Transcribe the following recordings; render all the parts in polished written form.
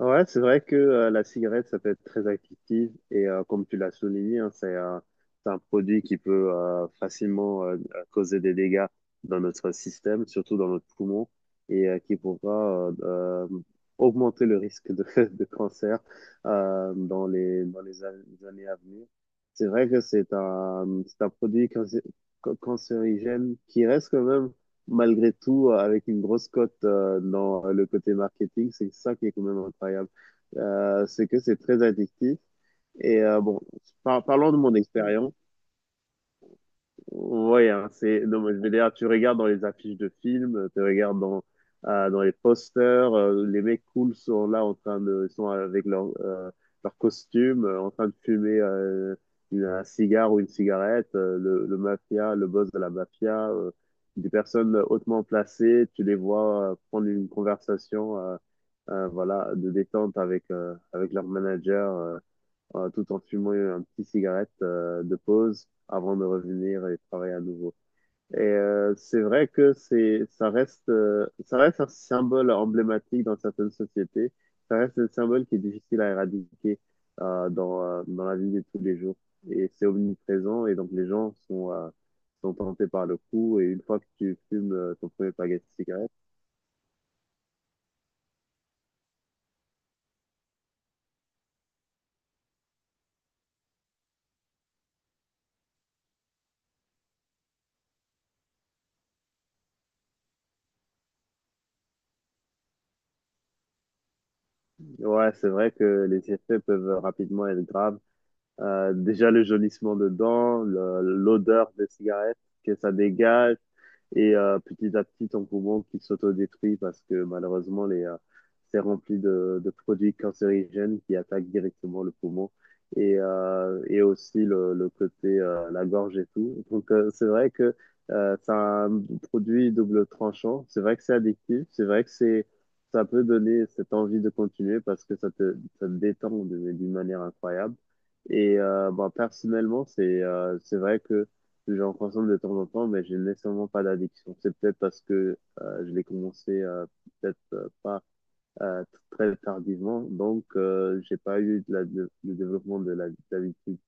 Ouais, c'est vrai que la cigarette, ça peut être très addictif et comme tu l'as souligné, hein, c'est un produit qui peut facilement causer des dégâts dans notre système, surtout dans notre poumon, et qui pourra augmenter le risque de cancer dans les, les années à venir. C'est vrai que c'est un produit cancérigène qui reste quand même malgré tout, avec une grosse cote dans le côté marketing, c'est ça qui est quand même incroyable. C'est que c'est très addictif. Et bon, parlons de mon expérience. Ouais, hein, c'est, non, mais je veux dire, tu regardes dans les affiches de films, dans les posters, les mecs cool sont là en train de, ils sont avec leur costume, en train de fumer un cigare ou une cigarette, le mafia, le boss de la mafia, des personnes hautement placées, tu les vois prendre une conversation, voilà, de détente avec leur manager. Tout en fumant un petit cigarette de pause avant de revenir et travailler à nouveau. Et c'est vrai que ça reste un symbole emblématique dans certaines sociétés. Ça reste un symbole qui est difficile à éradiquer dans la vie de tous les jours. Et c'est omniprésent et donc les gens sont, sont tentés par le coup. Et une fois que tu fumes ton premier paquet de cigarettes, ouais, c'est vrai que les effets peuvent rapidement être graves. Déjà le jaunissement dedans, l'odeur des cigarettes que ça dégage, et petit à petit, ton poumon qui s'autodétruit parce que malheureusement, c'est rempli de produits cancérigènes qui attaquent directement le poumon et aussi le côté, la gorge et tout. Donc, c'est vrai que c'est un produit double tranchant. C'est vrai que c'est addictif. C'est vrai que ça peut donner cette envie de continuer parce que ça te détend d'une manière incroyable. Et bon, personnellement, c'est vrai que j'en consomme de temps en temps, mais j'ai nécessairement pas d'addiction. C'est peut-être parce que je l'ai commencé peut-être pas très tardivement, donc j'ai pas eu le développement d'habitude.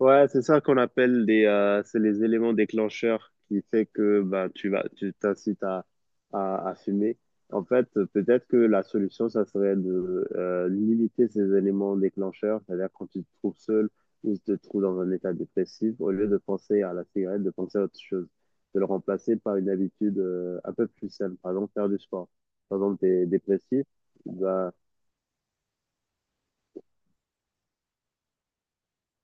Ouais, c'est ça qu'on appelle des, c'est les éléments déclencheurs qui fait que bah, tu t'incites à fumer. En fait, peut-être que la solution, ça serait de limiter ces éléments déclencheurs, c'est-à-dire quand tu te trouves seul ou tu te trouves dans un état dépressif, au lieu de penser à la cigarette, de penser à autre chose, de le remplacer par une habitude un peu plus saine, par exemple faire du sport. Par exemple, tu es dépressif, bah.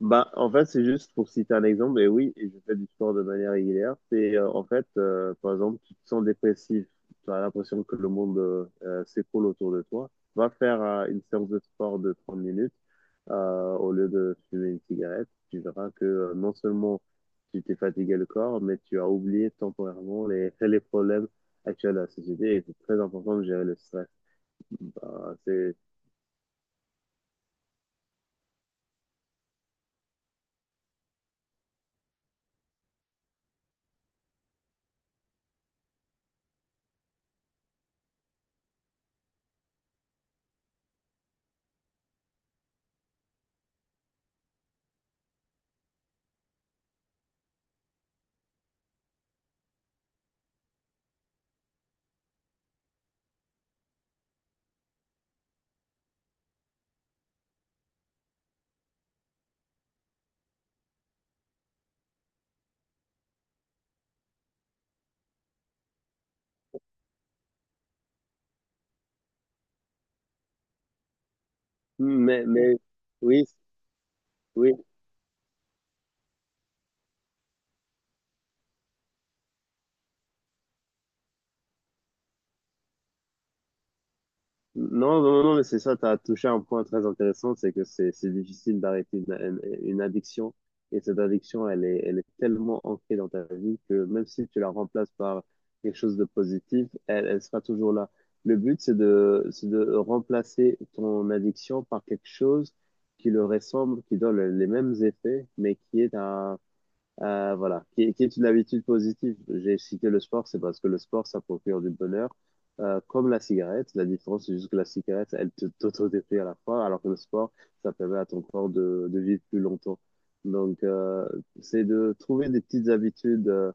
Bah, en fait, c'est juste pour citer un exemple, et oui, et je fais du sport de manière régulière. C'est En fait, par exemple, tu te sens dépressif, tu as l'impression que le monde s'écroule autour de toi. Va faire une séance de sport de 30 minutes au lieu de fumer une cigarette. Tu verras que non seulement tu t'es fatigué le corps, mais tu as oublié temporairement les, les problèmes actuels de la société. Et c'est très important de gérer le stress. Bah, c'est... Mais oui, oui. Non, non, non, mais c'est ça, tu as touché un point très intéressant, c'est que c'est difficile d'arrêter une addiction. Et cette addiction, elle est tellement ancrée dans ta vie que même si tu la remplaces par quelque chose de positif, elle sera toujours là. Le but, c'est de remplacer ton addiction par quelque chose qui le ressemble, qui donne les mêmes effets, mais voilà, qui est une habitude positive. J'ai cité le sport, c'est parce que le sport, ça procure du bonheur, comme la cigarette. La différence, c'est juste que la cigarette, elle te t'autodétruit à la fois, alors que le sport, ça permet à ton corps de vivre plus longtemps. Donc, c'est de trouver des petites habitudes,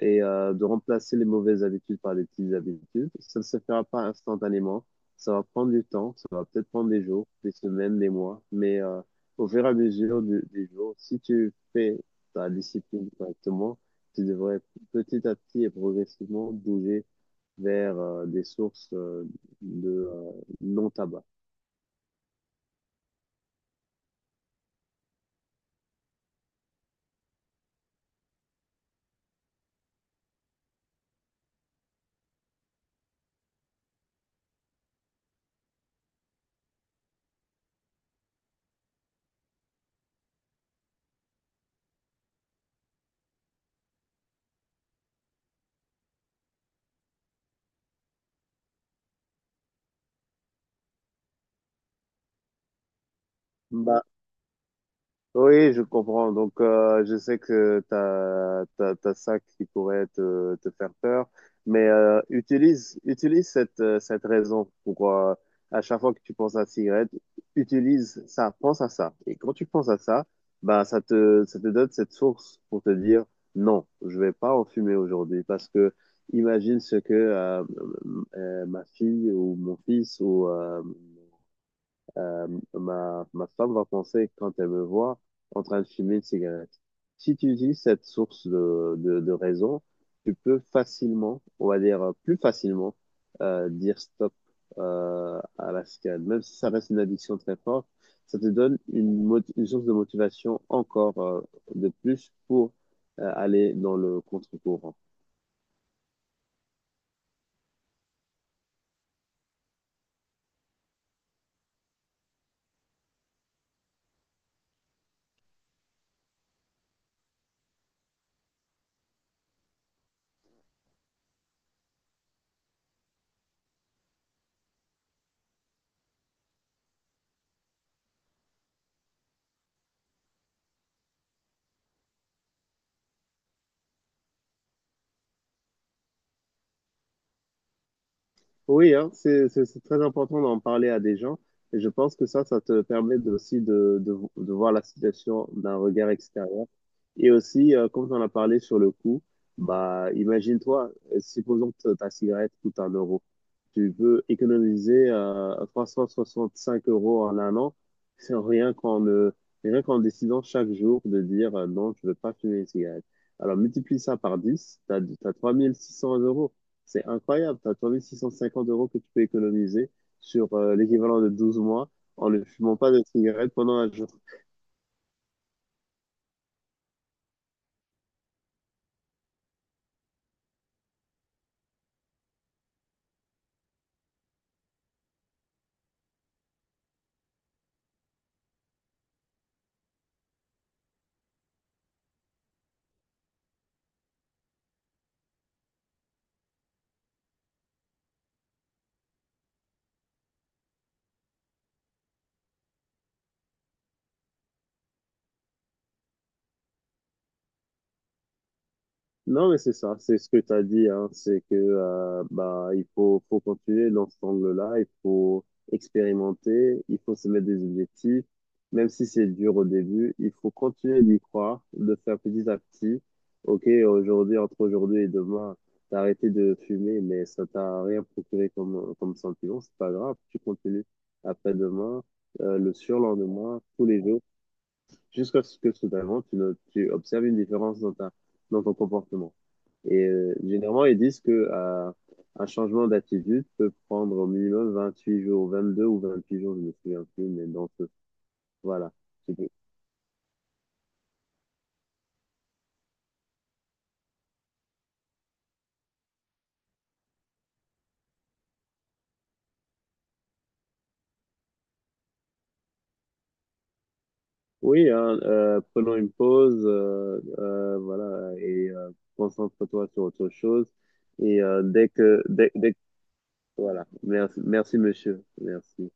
et de remplacer les mauvaises habitudes par des petites habitudes. Ça ne se fera pas instantanément. Ça va prendre du temps. Ça va peut-être prendre des jours, des semaines, des mois. Mais au fur et à mesure des jours, si tu fais ta discipline correctement, tu devrais petit à petit et progressivement bouger vers des sources de non-tabac. Bah, oui, je comprends. Donc, je sais que t'as ça qui pourrait te faire peur, mais utilise cette, cette raison pour, à chaque fois que tu penses à la cigarette, utilise ça, pense à ça. Et quand tu penses à ça, ben, ça te donne cette source pour te dire non, je vais pas en fumer aujourd'hui parce que imagine ce que ma fille ou mon fils ou euh, ma, ma femme va penser, quand elle me voit, en train de fumer une cigarette. Si tu utilises cette source de raison, tu peux facilement, on va dire plus facilement, dire stop à la cigarette. Même si ça reste une addiction très forte, ça te donne une source de motivation encore de plus pour aller dans le contre-courant. Oui, hein, c'est très important d'en parler à des gens. Et je pense que ça te permet aussi de voir la situation d'un regard extérieur. Et aussi, comme on a parlé sur le coût, bah, imagine-toi, supposons que ta cigarette coûte un euro. Tu peux économiser 365 euros en un an, c'est rien qu'en rien qu'en décidant chaque jour de dire non, je ne veux pas fumer une cigarette. Alors multiplie ça par 10, tu as 3600 euros. C'est incroyable. Tu as 3650 euros que tu peux économiser sur l'équivalent de 12 mois en ne fumant pas de cigarette pendant un jour. Non, mais c'est ça, c'est ce que tu as dit, hein, c'est que bah il faut continuer dans cet angle-là, il faut expérimenter, il faut se mettre des objectifs, même si c'est dur au début, il faut continuer d'y croire, de faire petit à petit. Ok, aujourd'hui, entre aujourd'hui et demain, t'as arrêté de fumer, mais ça t'a rien procuré comme sentiment, c'est pas grave, tu continues après-demain, le surlendemain, tous les jours, jusqu'à ce que soudainement tu, ne- tu observes une différence dans ta dans ton comportement. Et généralement, ils disent que un changement d'attitude peut prendre au minimum 28 jours, 22 ou 28 jours, je me souviens plus, mais dans ce voilà. C'est que... Oui, hein, prenons une pause, voilà, et concentre-toi sur autre chose. Et dès que, voilà. Merci, merci, monsieur. Merci.